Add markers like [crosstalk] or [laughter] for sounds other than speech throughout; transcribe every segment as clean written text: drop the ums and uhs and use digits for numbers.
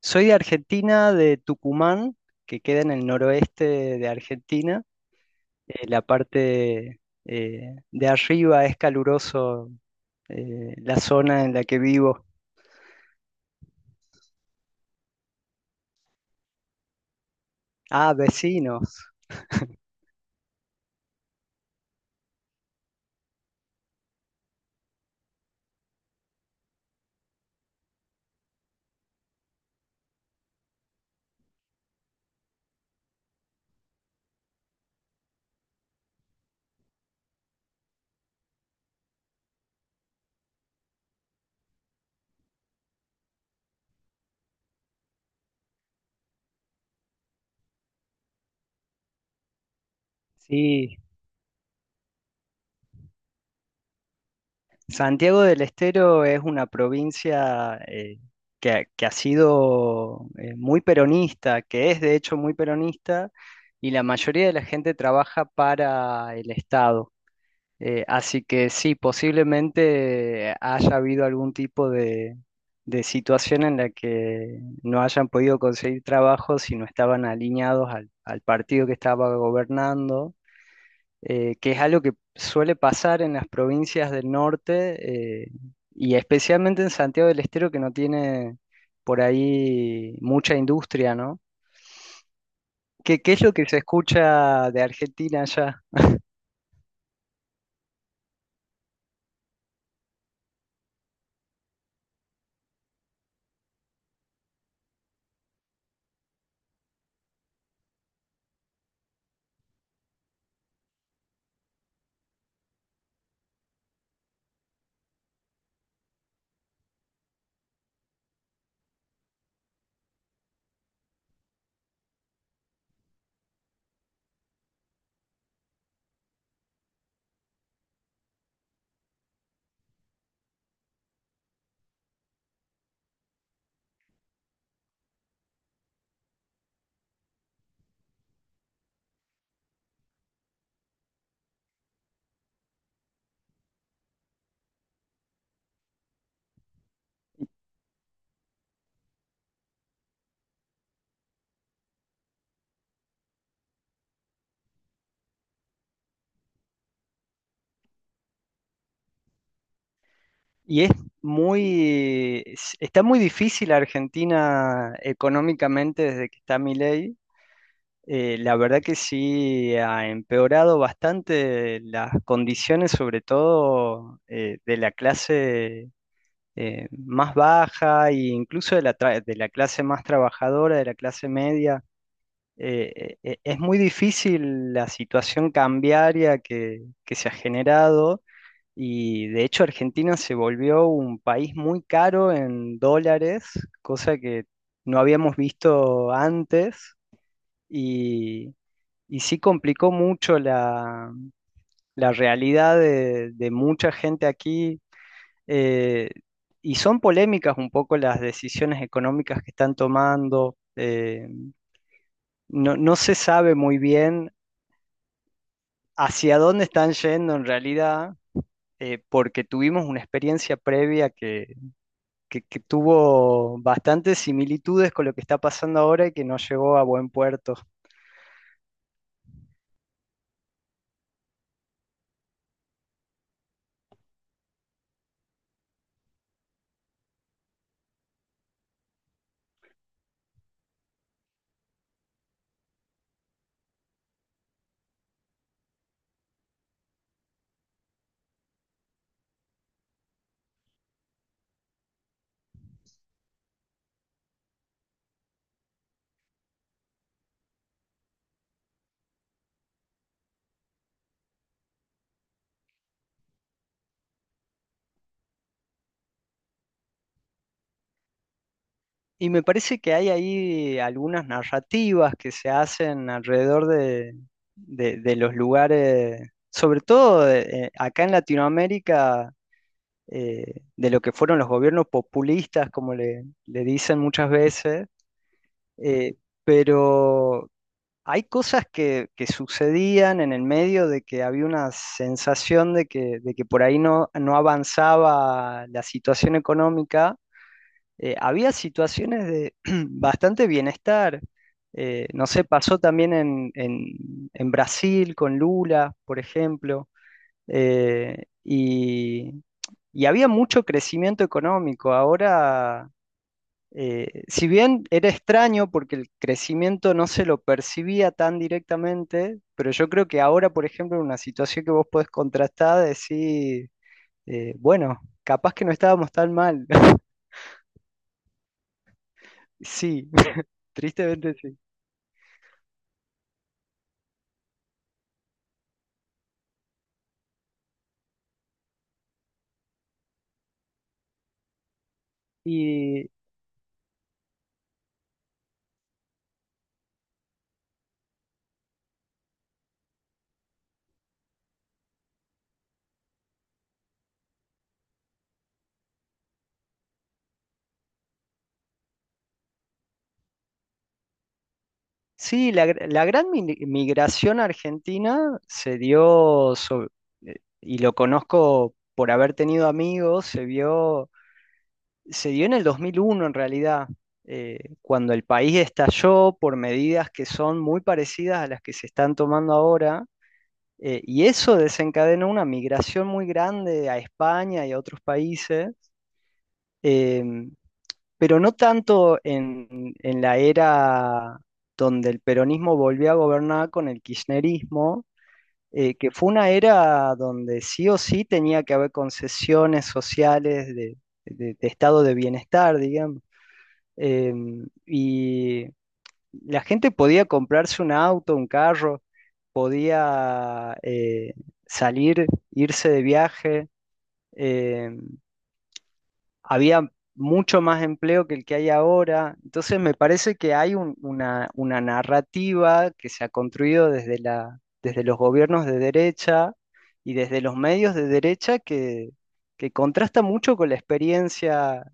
Soy de Argentina, de Tucumán, que queda en el noroeste de Argentina. La parte de arriba es caluroso, la zona en la que vivo. Ah, vecinos. Sí, Santiago del Estero es una provincia que ha sido muy peronista, que es de hecho muy peronista, y la mayoría de la gente trabaja para el Estado. Así que sí, posiblemente haya habido algún tipo de situación en la que no hayan podido conseguir trabajo si no estaban alineados al partido que estaba gobernando, que es algo que suele pasar en las provincias del norte, y especialmente en Santiago del Estero, que no tiene por ahí mucha industria, ¿no? ¿Qué, qué es lo que se escucha de Argentina allá? Y es muy, está muy difícil Argentina económicamente desde que está Milei. La verdad que sí ha empeorado bastante las condiciones, sobre todo de la clase más baja e incluso de la, de la clase más trabajadora, de la clase media. Es muy difícil la situación cambiaria que se ha generado. Y de hecho Argentina se volvió un país muy caro en dólares, cosa que no habíamos visto antes y, y sí complicó mucho la, la realidad de mucha gente aquí. eh, y son polémicas un poco las decisiones económicas que están tomando. No se sabe muy bien hacia dónde están yendo en realidad, porque tuvimos una experiencia previa que tuvo bastantes similitudes con lo que está pasando ahora y que no llegó a buen puerto. Y me parece que hay ahí algunas narrativas que se hacen alrededor de, de los lugares, sobre todo acá en Latinoamérica, de lo que fueron los gobiernos populistas, como le dicen muchas veces, eh, pero hay cosas que sucedían en el medio de que había una sensación de que por ahí no, no avanzaba la situación económica. Había situaciones de [clears throat] bastante bienestar. No sé, pasó también en, en Brasil con Lula, por ejemplo. Eh, y, y había mucho crecimiento económico. Ahora si bien era extraño porque el crecimiento no se lo percibía tan directamente, pero yo creo que ahora, por ejemplo, en una situación que vos podés contrastar, decir, bueno, capaz que no estábamos tan mal. [laughs] Sí, [laughs] tristemente sí. Y sí, la, la gran migración argentina se dio, y lo conozco por haber tenido amigos, se dio en el 2001 en realidad, cuando el país estalló por medidas que son muy parecidas a las que se están tomando ahora, y eso desencadenó una migración muy grande a España y a otros países, eh, pero no tanto en la era donde el peronismo volvió a gobernar con el kirchnerismo, que fue una era donde sí o sí tenía que haber concesiones sociales de, de estado de bienestar, digamos y la gente podía comprarse un auto, un carro, podía salir, irse de viaje. em, Había mucho más empleo que el que hay ahora. Entonces me parece que hay una narrativa que se ha construido desde la, desde los gobiernos de derecha y desde los medios de derecha que contrasta mucho con la experiencia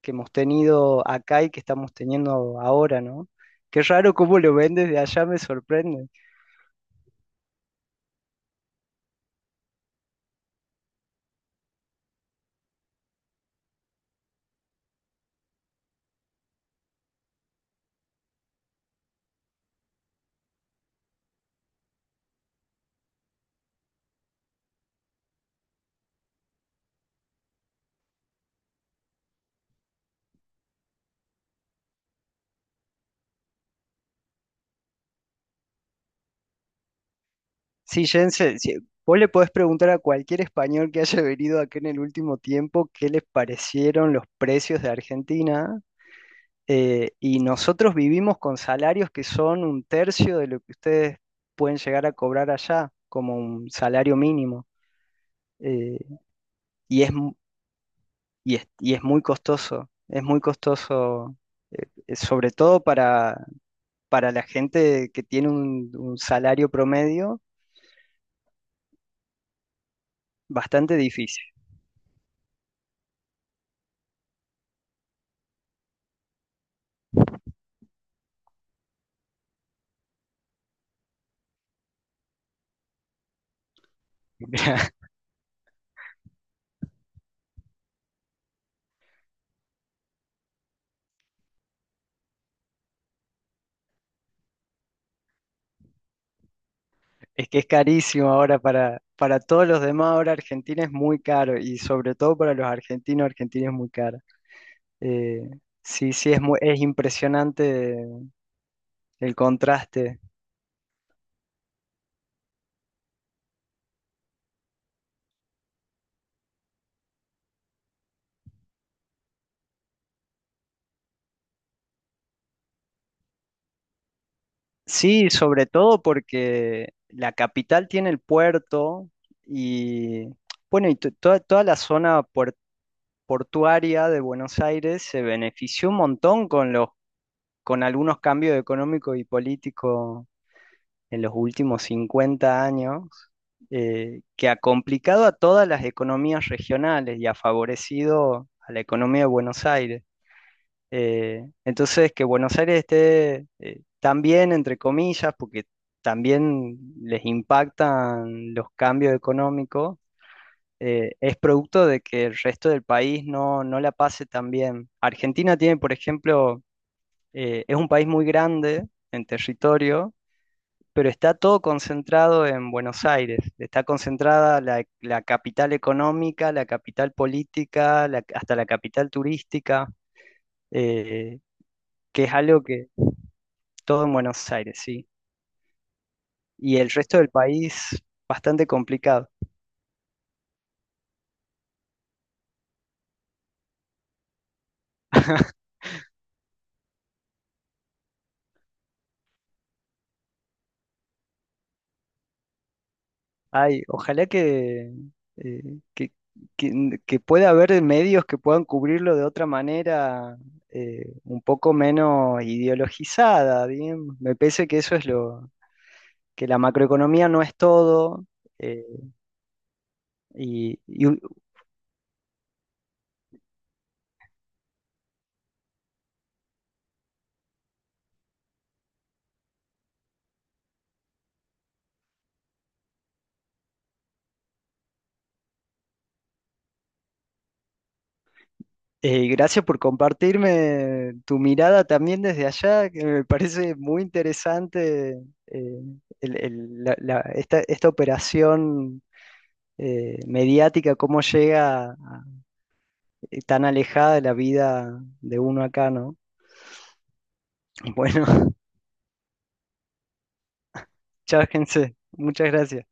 que hemos tenido acá y que estamos teniendo ahora, ¿no? Qué raro cómo lo ven desde allá, me sorprende. Sí, Jensen, sí, vos le podés preguntar a cualquier español que haya venido acá en el último tiempo qué les parecieron los precios de Argentina. Y nosotros vivimos con salarios que son un tercio de lo que ustedes pueden llegar a cobrar allá, como un salario mínimo. eh, y es, mu- y es, y es muy costoso, sobre todo para la gente que tiene un salario promedio, bastante difícil. [laughs] Es que es carísimo ahora para todos los demás, ahora Argentina es muy caro y sobre todo para los argentinos, Argentina es muy cara. Eh, sí, es muy, es impresionante el contraste. Sí, sobre todo porque la capital tiene el puerto y bueno, y toda, toda la zona portuaria de Buenos Aires se benefició un montón con los, con algunos cambios económicos y políticos en los últimos 50 años que ha complicado a todas las economías regionales y ha favorecido a la economía de Buenos Aires. Que Buenos Aires esté tan bien, entre comillas, porque también les impactan los cambios económicos, es producto de que el resto del país no, no la pase tan bien. Argentina tiene, por ejemplo, es un país muy grande en territorio pero está todo concentrado en Buenos Aires. Está concentrada la, la capital económica, la capital política, hasta la capital turística, eh, que es algo que todo en Buenos Aires, sí. Y el resto del país, bastante complicado. Ay, ojalá que, que pueda haber medios que puedan cubrirlo de otra manera, un poco menos ideologizada, bien. Me parece que eso es lo, que la macroeconomía no es todo. eh, y y, Gracias por compartirme tu mirada también desde allá, que me parece muy interesante eh, esta operación mediática, cómo llega tan alejada de la vida de uno acá, ¿no? Bueno, [laughs] chao, gente. Muchas gracias.